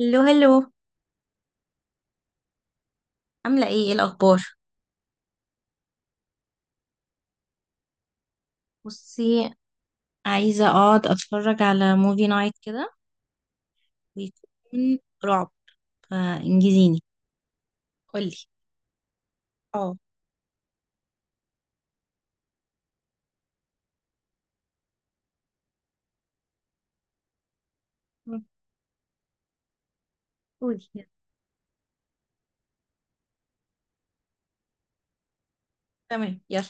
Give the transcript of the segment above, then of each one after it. هلو هلو. عاملة ايه الأخبار؟ بصي، عايزة اقعد اتفرج على موفي نايت كده، ويكون رعب، فانجزيني. قولي. اه. مم. قولي يلا. تمام يلا.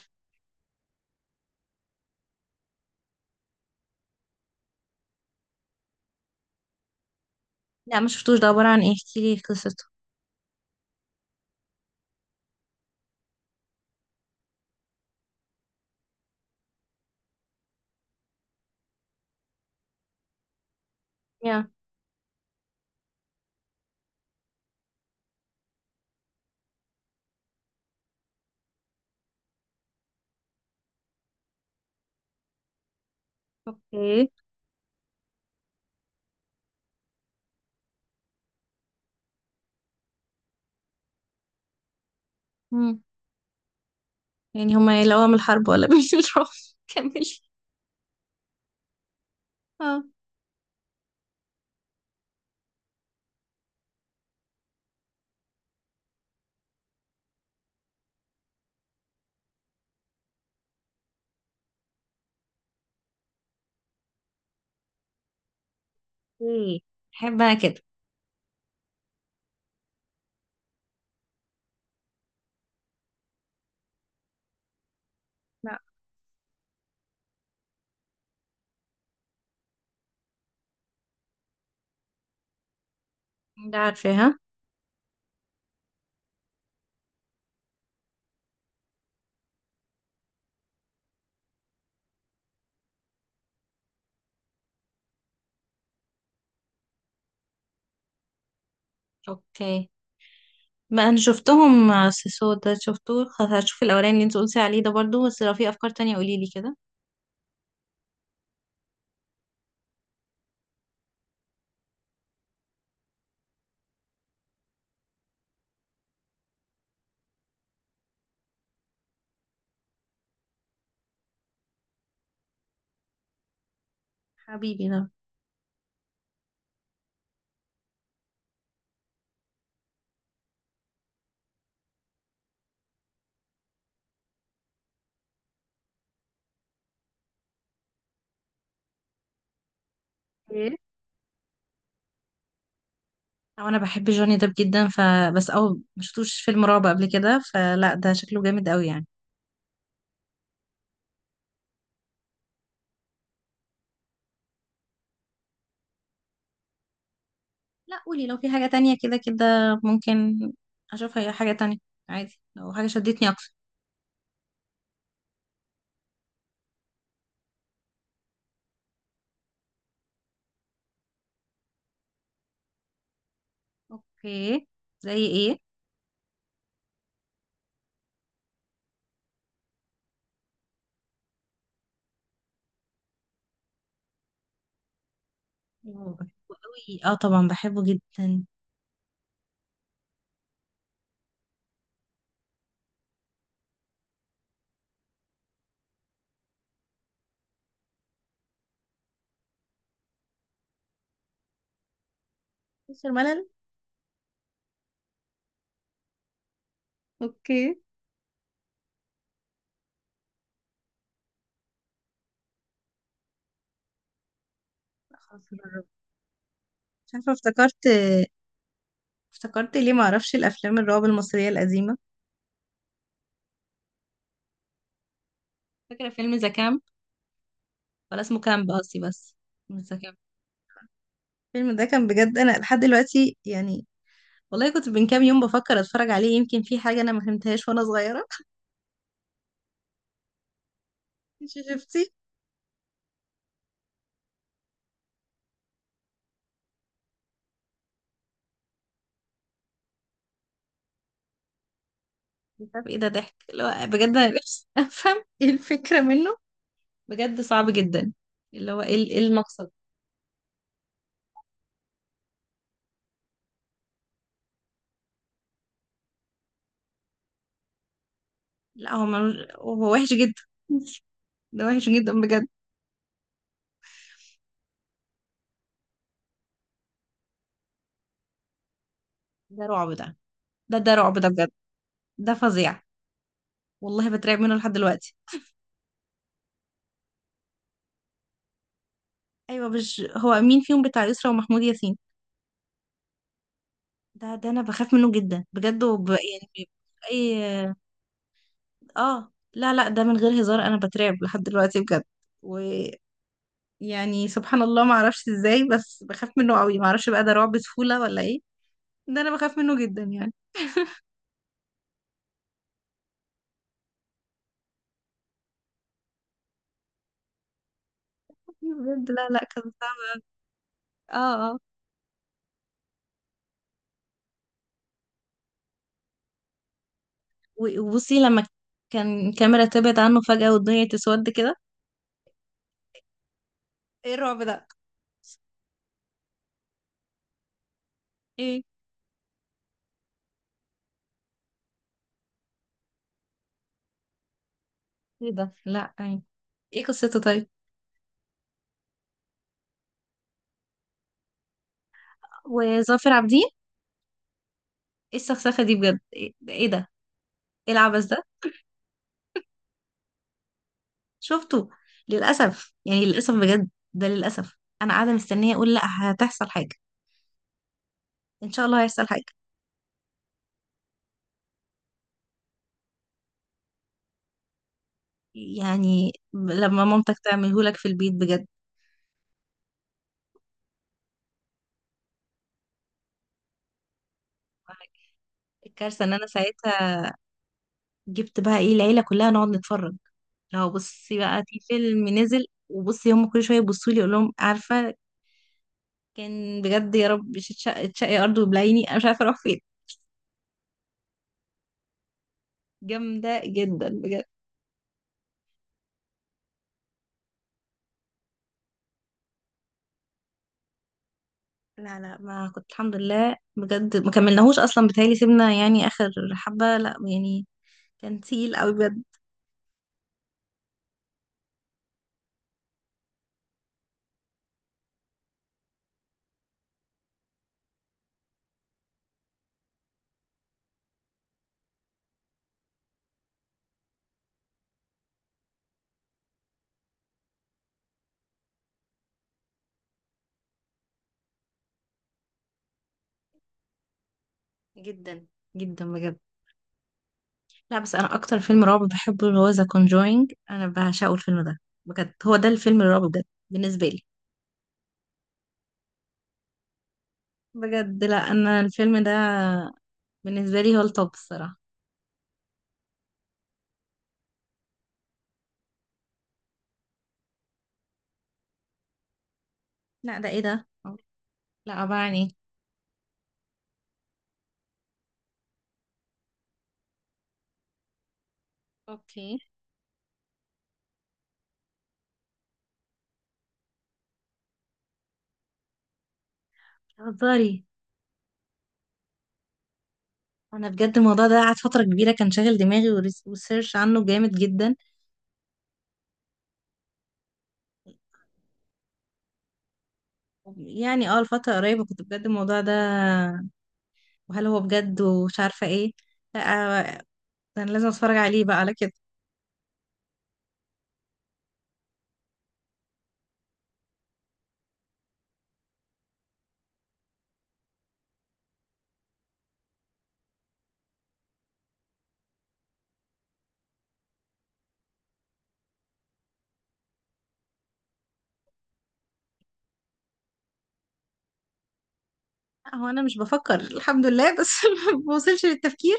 لا ما شفتوش، ده عبارة عن ايه؟ احكيلي قصته. يا، اوكي. مم. يعني هما يلاقوا من الحرب ولا من الرعب؟ كملي. اه. ايه، احب انا كده. لا، ده عارفاها. اوكي، ما انا شفتهم. سيسو ده شفتوه، خلاص هشوف الاولاني اللي انت قلتي عليه ده برضو، بس لو في افكار تانية قوليلي كده. حبيبي ده. ايه، او انا بحب جوني ديب جدا فبس او. ما شفتوش فيلم رعب قبل كده، فلا ده شكله جامد قوي يعني. لا قولي لو في حاجة تانية كده كده، ممكن اشوفها، هي حاجة تانية عادي لو حاجة شدتني اكتر. اوكي، زي ايه؟ أوه، بحبه قوي. اه طبعا بحبه جدا. مش الملل. اوكي. لا، خلاص نجرب. مش عارفة افتكرت ليه ما اعرفش الافلام الرعب المصرية القديمة. فاكرة فيلم ذا كامب؟ ولا اسمه كامب قصدي بس. ذا كامب. الفيلم ده كان بجد انا لحد دلوقتي يعني، والله كنت من كام يوم بفكر اتفرج عليه، يمكن في حاجه انا ما فهمتهاش وانا صغيره انت شفتي؟ مش عارف ايه ده، ضحك اللي هو، بجد انا نفسي افهم ايه الفكره منه. بجد صعب جدا. اللي هو ايه، المقصد؟ لا هو وحش جدا ده وحش جدا بجد. ده رعب ده. ده رعب ده بجد. ده فظيع. والله بترعب منه لحد دلوقتي. ايوه، مش هو مين فيهم بتاع يسرا ومحمود ياسين؟ ده انا بخاف منه جدا بجد، يعني. اي، اه. لا لا، ده من غير هزار انا بترعب لحد دلوقتي بجد. ويعني، سبحان الله ما اعرفش ازاي، بس بخاف منه قوي. ما اعرفش بقى، ده رعب طفولة ولا ايه؟ ده انا بخاف منه جدا يعني. بجد لا لا، كان صعب. اه اه. وبصي لما كان الكاميرا تبعد عنه فجأة والدنيا تسود كده. ايه الرعب ده؟ ايه؟ ايه ده؟ لا ايه؟ ايه قصته طيب؟ وظافر عابدين. ايه السخسخة دي بجد؟ ايه ده ايه ده؟ إيه العبث ده؟ شفته للأسف، يعني للأسف بجد، ده للأسف أنا قاعدة مستنية أقول لأ، هتحصل حاجة. إن شاء الله هيحصل حاجة. يعني لما مامتك تعملهولك في البيت بجد. الكارثة إن أنا ساعتها جبت بقى إيه العيلة كلها نقعد نتفرج. لو بصي بقى في فيلم نزل، وبصي هم كل شوية يبصوا لي، أقول لهم عارفة كان بجد، يا رب تشقي أرض وبلعيني، أنا مش عارفة أروح فين. جامدة جدا بجد. لا لا، ما كنت الحمد لله بجد، ما كملناهوش اصلا، بتهيألي سيبنا يعني اخر حبة، لا يعني كان تقيل قوي بجد. جدا جدا بجد. لا بس انا اكتر فيلم رعب بحبه اللي هو ذا كونجوينج، انا بعشقه الفيلم ده بجد. هو ده الفيلم الرعب بجد بالنسبة لي. بجد لا، انا الفيلم ده بالنسبة لي هو التوب الصراحة. لا ده، ايه ده؟ لا أبعني. اوكي. هزاري. انا بجد الموضوع ده قعد فترة كبيرة كان شاغل دماغي، وريسيرش عنه جامد جدا. يعني اه الفترة قريبة كنت بجد الموضوع ده، وهل هو بجد، ومش عارفة ايه. لا، ده انا لازم اتفرج عليه بقى على كده. لا، هو انا مش بفكر الحمد لله، بس ما بوصلش للتفكير.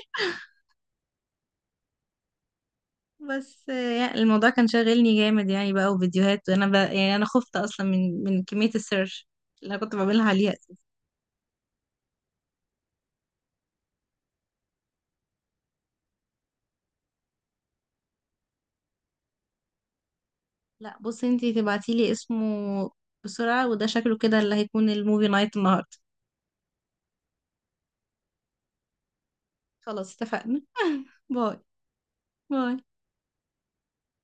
بس يعني الموضوع كان شاغلني جامد يعني بقى، وفيديوهات، وانا بقى يعني انا خفت اصلا من كمية السيرش اللي انا كنت بعملها عليها اساسا. لا بصي، انتي تبعتيلي اسمه بسرعة، وده شكله كده اللي هيكون الموفي نايت النهاردة. خلاص اتفقنا باي. باي.